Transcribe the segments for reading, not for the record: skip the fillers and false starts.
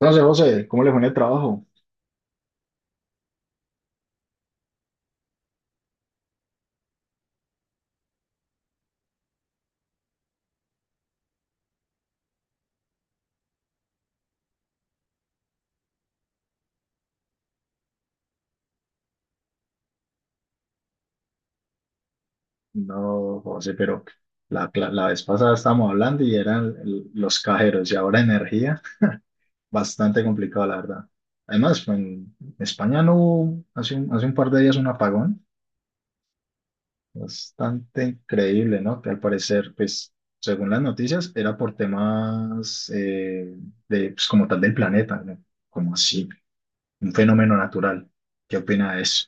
No sé, José, ¿cómo le fue en el trabajo? No, José, pero la vez pasada estábamos hablando y eran los cajeros y ahora energía, bastante complicado, la verdad. Además, pues, en España no hubo hace un par de días un apagón, bastante increíble, ¿no? Que al parecer, pues, según las noticias, era por temas de, pues, como tal del planeta, ¿no? Como así, un fenómeno natural. ¿Qué opina de eso?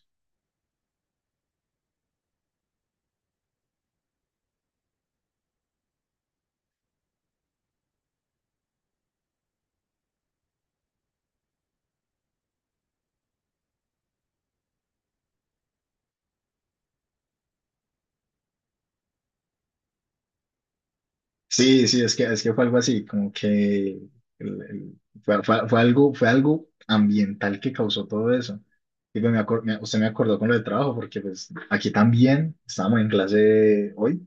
Sí, sí, es que fue algo así, como que fue algo ambiental que causó todo eso. Digo, usted me acordó con lo del trabajo, porque pues aquí también estábamos en clase hoy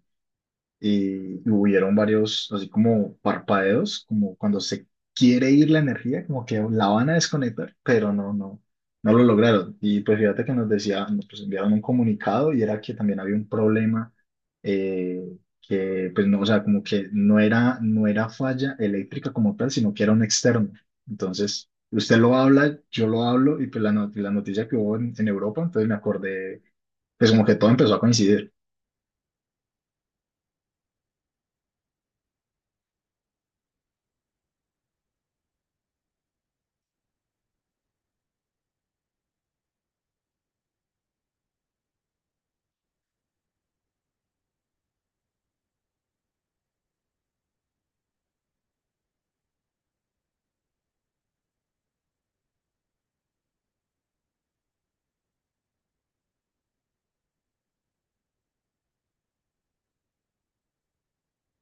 y hubieron varios, así como parpadeos, como cuando se quiere ir la energía, como que la van a desconectar, pero no, no lo lograron. Y pues fíjate que nos decía, nos pues, enviaron un comunicado y era que también había un problema eh, que, pues no, o sea, como que no era falla eléctrica como tal, sino que era un externo. Entonces, usted lo habla, yo lo hablo y pues la, not- la noticia que hubo en Europa, entonces me acordé, pues como que todo empezó a coincidir.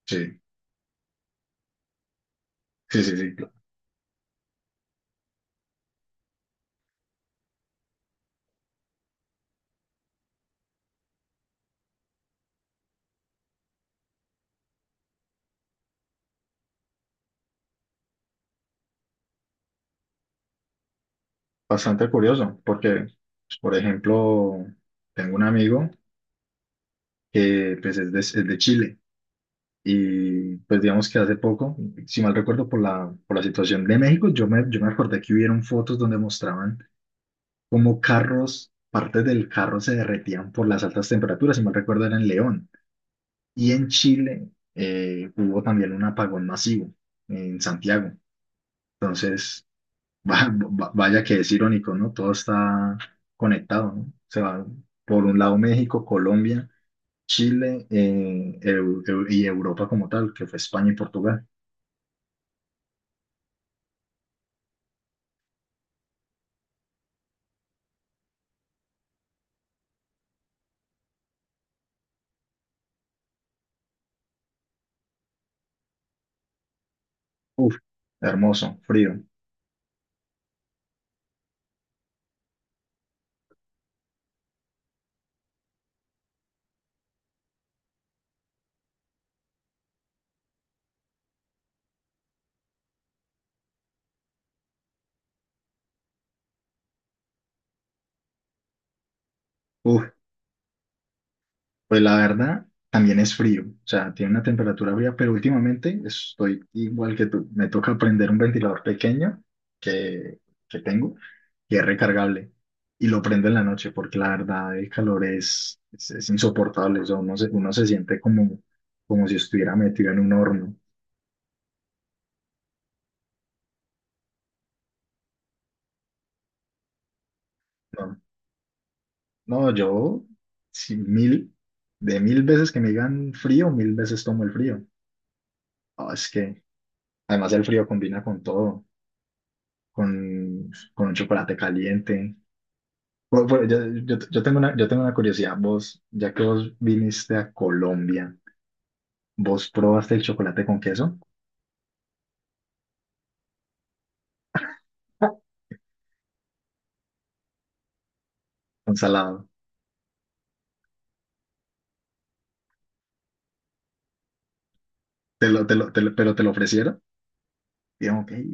Sí, sí, sí, sí. Bastante curioso, porque, pues, por ejemplo, tengo un amigo que pues, es de Chile y pues digamos que hace poco, si mal recuerdo por la situación de México, yo me acordé que hubieron fotos donde mostraban cómo carros, partes del carro se derretían por las altas temperaturas, si mal recuerdo era en León. Y en Chile hubo también un apagón masivo en Santiago. Entonces, Va- Vaya que es irónico, ¿no? Todo está conectado, ¿no? Se va por un lado México, Colombia, Chile, y Europa como tal, que fue España y Portugal. Uf, hermoso, frío. Uf. Pues la verdad, también es frío, o sea, tiene una temperatura fría, pero últimamente estoy igual que tú. Me toca prender un ventilador pequeño que, que tengo que es recargable. Y lo prendo en la noche porque la verdad el calor es insoportable. O sea, uno se siente como, como si estuviera metido en un horno. No, no, yo, si mil, de mil veces que me digan frío, mil veces tomo el frío. Ah, es que además el frío combina con todo. Con un chocolate caliente. Bu- bu- yo, yo tengo una curiosidad, vos, ya que vos viniste a Colombia, ¿vos probaste el chocolate con queso? Con salado. Pero te lo ofrecieron. Digamos que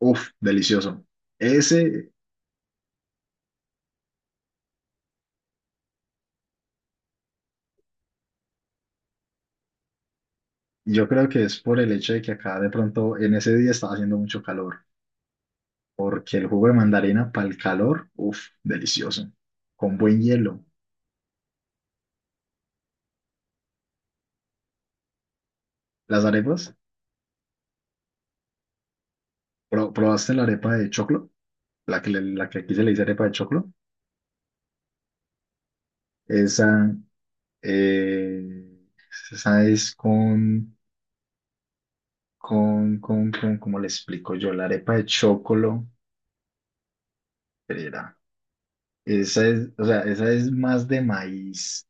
uff, delicioso. Ese, yo creo que es por el hecho de que acá de pronto en ese día estaba haciendo mucho calor, porque el jugo de mandarina para el calor, uff, delicioso. Con buen hielo. Las arepas, probaste la arepa de choclo? La que aquí se le dice arepa de choclo, esa, eh, esa es con, ¿cómo le explico yo? La arepa de choclo, espera, esa es, o sea, esa es más de maíz,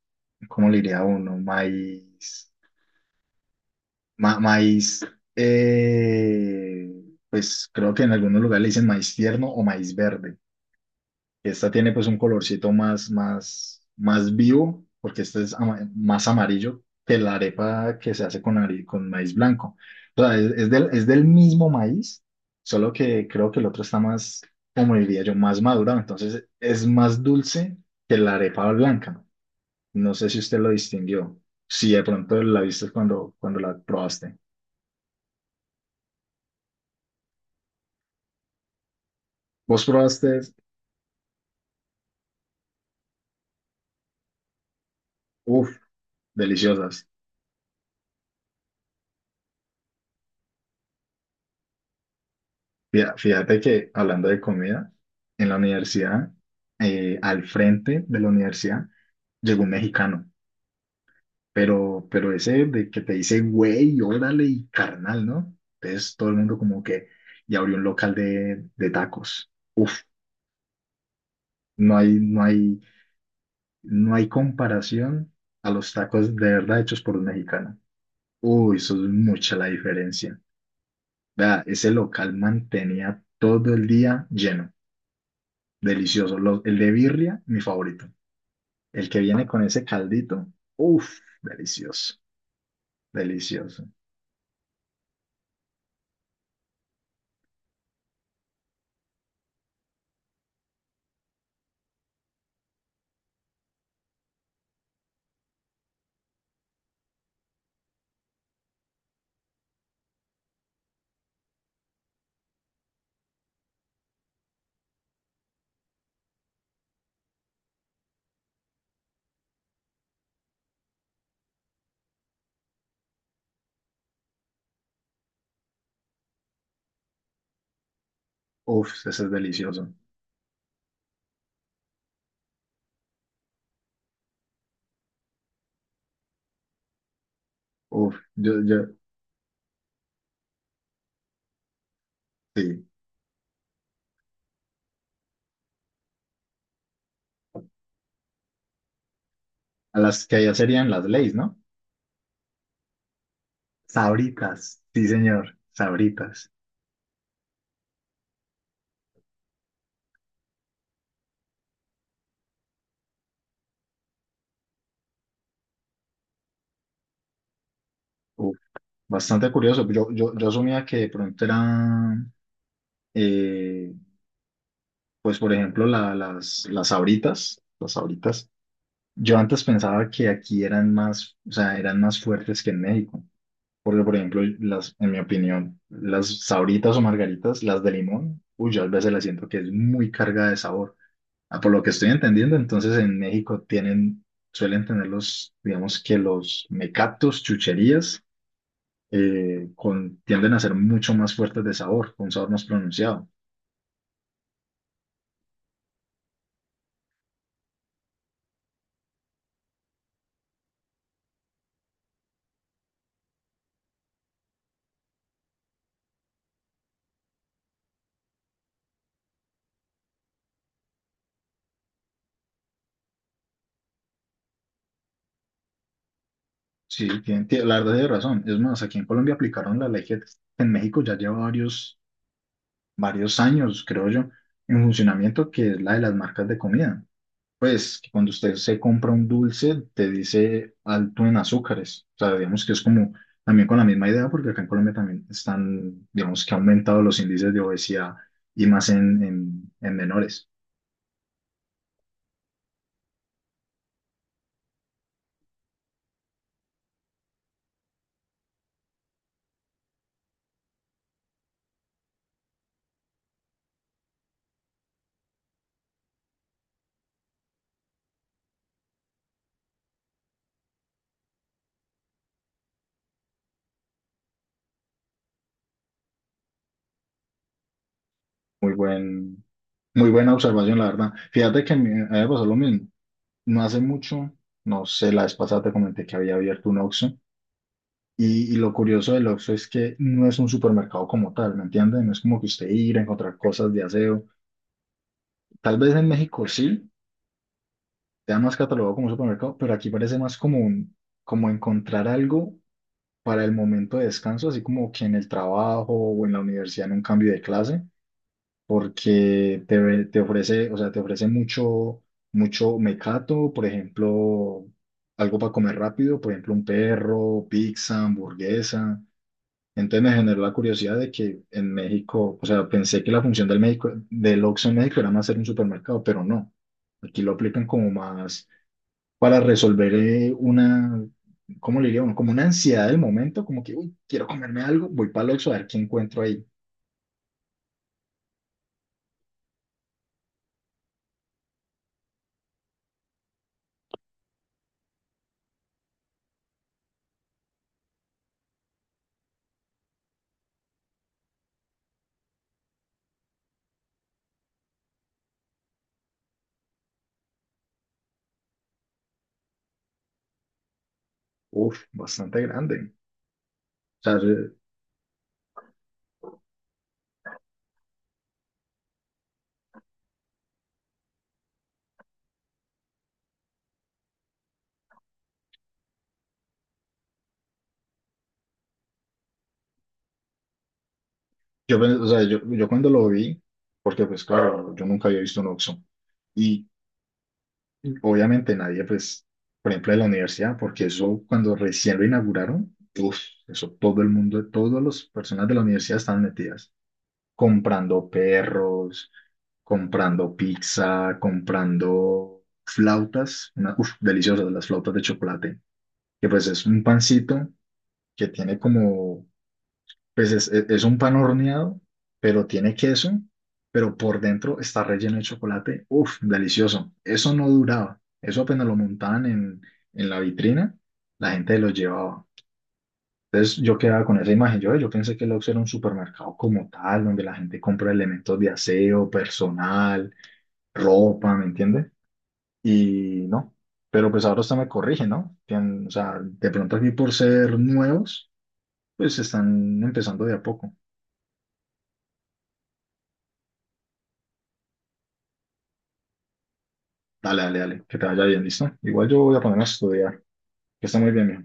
¿cómo le diría uno? Maíz, maíz, eh, pues creo que en algunos lugares le dicen maíz tierno o maíz verde. Esta tiene pues un colorcito más vivo, porque este es más amarillo que la arepa que se hace con maíz blanco. O sea, es del mismo maíz, solo que creo que el otro está más, como diría yo, más madurado. Entonces es más dulce que la arepa blanca. No sé si usted lo distinguió, si de pronto la viste cuando, cuando la probaste. Vos probaste, uff, deliciosas. Fíjate que hablando de comida, en la universidad, al frente de la universidad, llegó un mexicano, pero ese de que te dice, güey, órale y carnal, ¿no? Entonces todo el mundo como que, y abrió un local de tacos. Uf, no hay, no hay, no hay comparación a los tacos de verdad hechos por un mexicano. Uy, eso es mucha la diferencia. Vea, ese local mantenía todo el día lleno, delicioso. El de birria, mi favorito. El que viene con ese caldito, uff, delicioso, delicioso, uff, ese es delicioso, uff, yo, sí, a las que allá serían las leyes, ¿no? Sabritas, sí señor, sabritas, uff, bastante curioso, yo asumía que de pronto eran, eh, pues por ejemplo, las sabritas, yo antes pensaba que aquí eran más, o sea, eran más fuertes que en México. Porque, por ejemplo, las, en mi opinión, las sabritas o margaritas, las de limón, uy, yo a veces las siento que es muy cargada de sabor. Ah, por lo que estoy entendiendo, entonces en México tienen, suelen tener los, digamos que los mecatos, chucherías, tienden a ser mucho más fuertes de sabor, con un sabor más pronunciado. Sí, la verdad tiene razón. Es más, aquí en Colombia aplicaron la ley que en México ya lleva varios, varios años, creo yo, en funcionamiento, que es la de las marcas de comida. Pues que cuando usted se compra un dulce, te dice alto en azúcares. O sea, digamos que es como también con la misma idea, porque acá en Colombia también están, digamos que ha aumentado los índices de obesidad y más en menores. Muy buen, muy buena observación, la verdad. Fíjate que me, a mí me pasó lo mismo. No hace mucho, no sé, la vez pasada te comenté que había abierto un Oxxo. Y lo curioso del Oxxo es que no es un supermercado como tal, ¿me entiendes? No es como que usted ir a encontrar cosas de aseo. Tal vez en México sí, ya más catalogado como un supermercado, pero aquí parece más como un, como encontrar algo para el momento de descanso, así como que en el trabajo o en la universidad en un cambio de clase, porque te ofrece, o sea, te ofrece mucho, mucho mecato, por ejemplo, algo para comer rápido, por ejemplo, un perro, pizza, hamburguesa. Entonces me generó la curiosidad de que en México, o sea, pensé que la función del Oxxo en México era más ser un supermercado, pero no. Aquí lo aplican como más para resolver una, ¿cómo le diría uno? Como una ansiedad del momento, como que, uy, quiero comerme algo, voy para el Oxxo a ver qué encuentro ahí. Uf, bastante grande. O sea, yo pe- o sea, yo cuando lo vi, porque pues claro, yo nunca había visto un Oxxo. Y obviamente nadie, pues, por ejemplo, de la universidad, porque eso cuando recién lo inauguraron, uf, eso todo el mundo, todas las personas de la universidad estaban metidas. Comprando perros, comprando pizza, comprando flautas, una, uf, deliciosas las flautas de chocolate, que pues es un pancito que tiene como, pues es un pan horneado, pero tiene queso, pero por dentro está relleno de chocolate, uf, delicioso. Eso no duraba, eso apenas lo montaban en la vitrina, la gente lo llevaba. Entonces yo quedaba con esa imagen. Yo pensé que Lux era un supermercado como tal, donde la gente compra elementos de aseo, personal, ropa, ¿me entiendes? Y no. Pero pues ahora usted me corrige, ¿no? O sea, de pronto aquí por ser nuevos, pues están empezando de a poco. Dale, dale, dale, que te vaya bien, ¿listo? Igual yo voy a ponerme a estudiar, que está muy bien, mijo.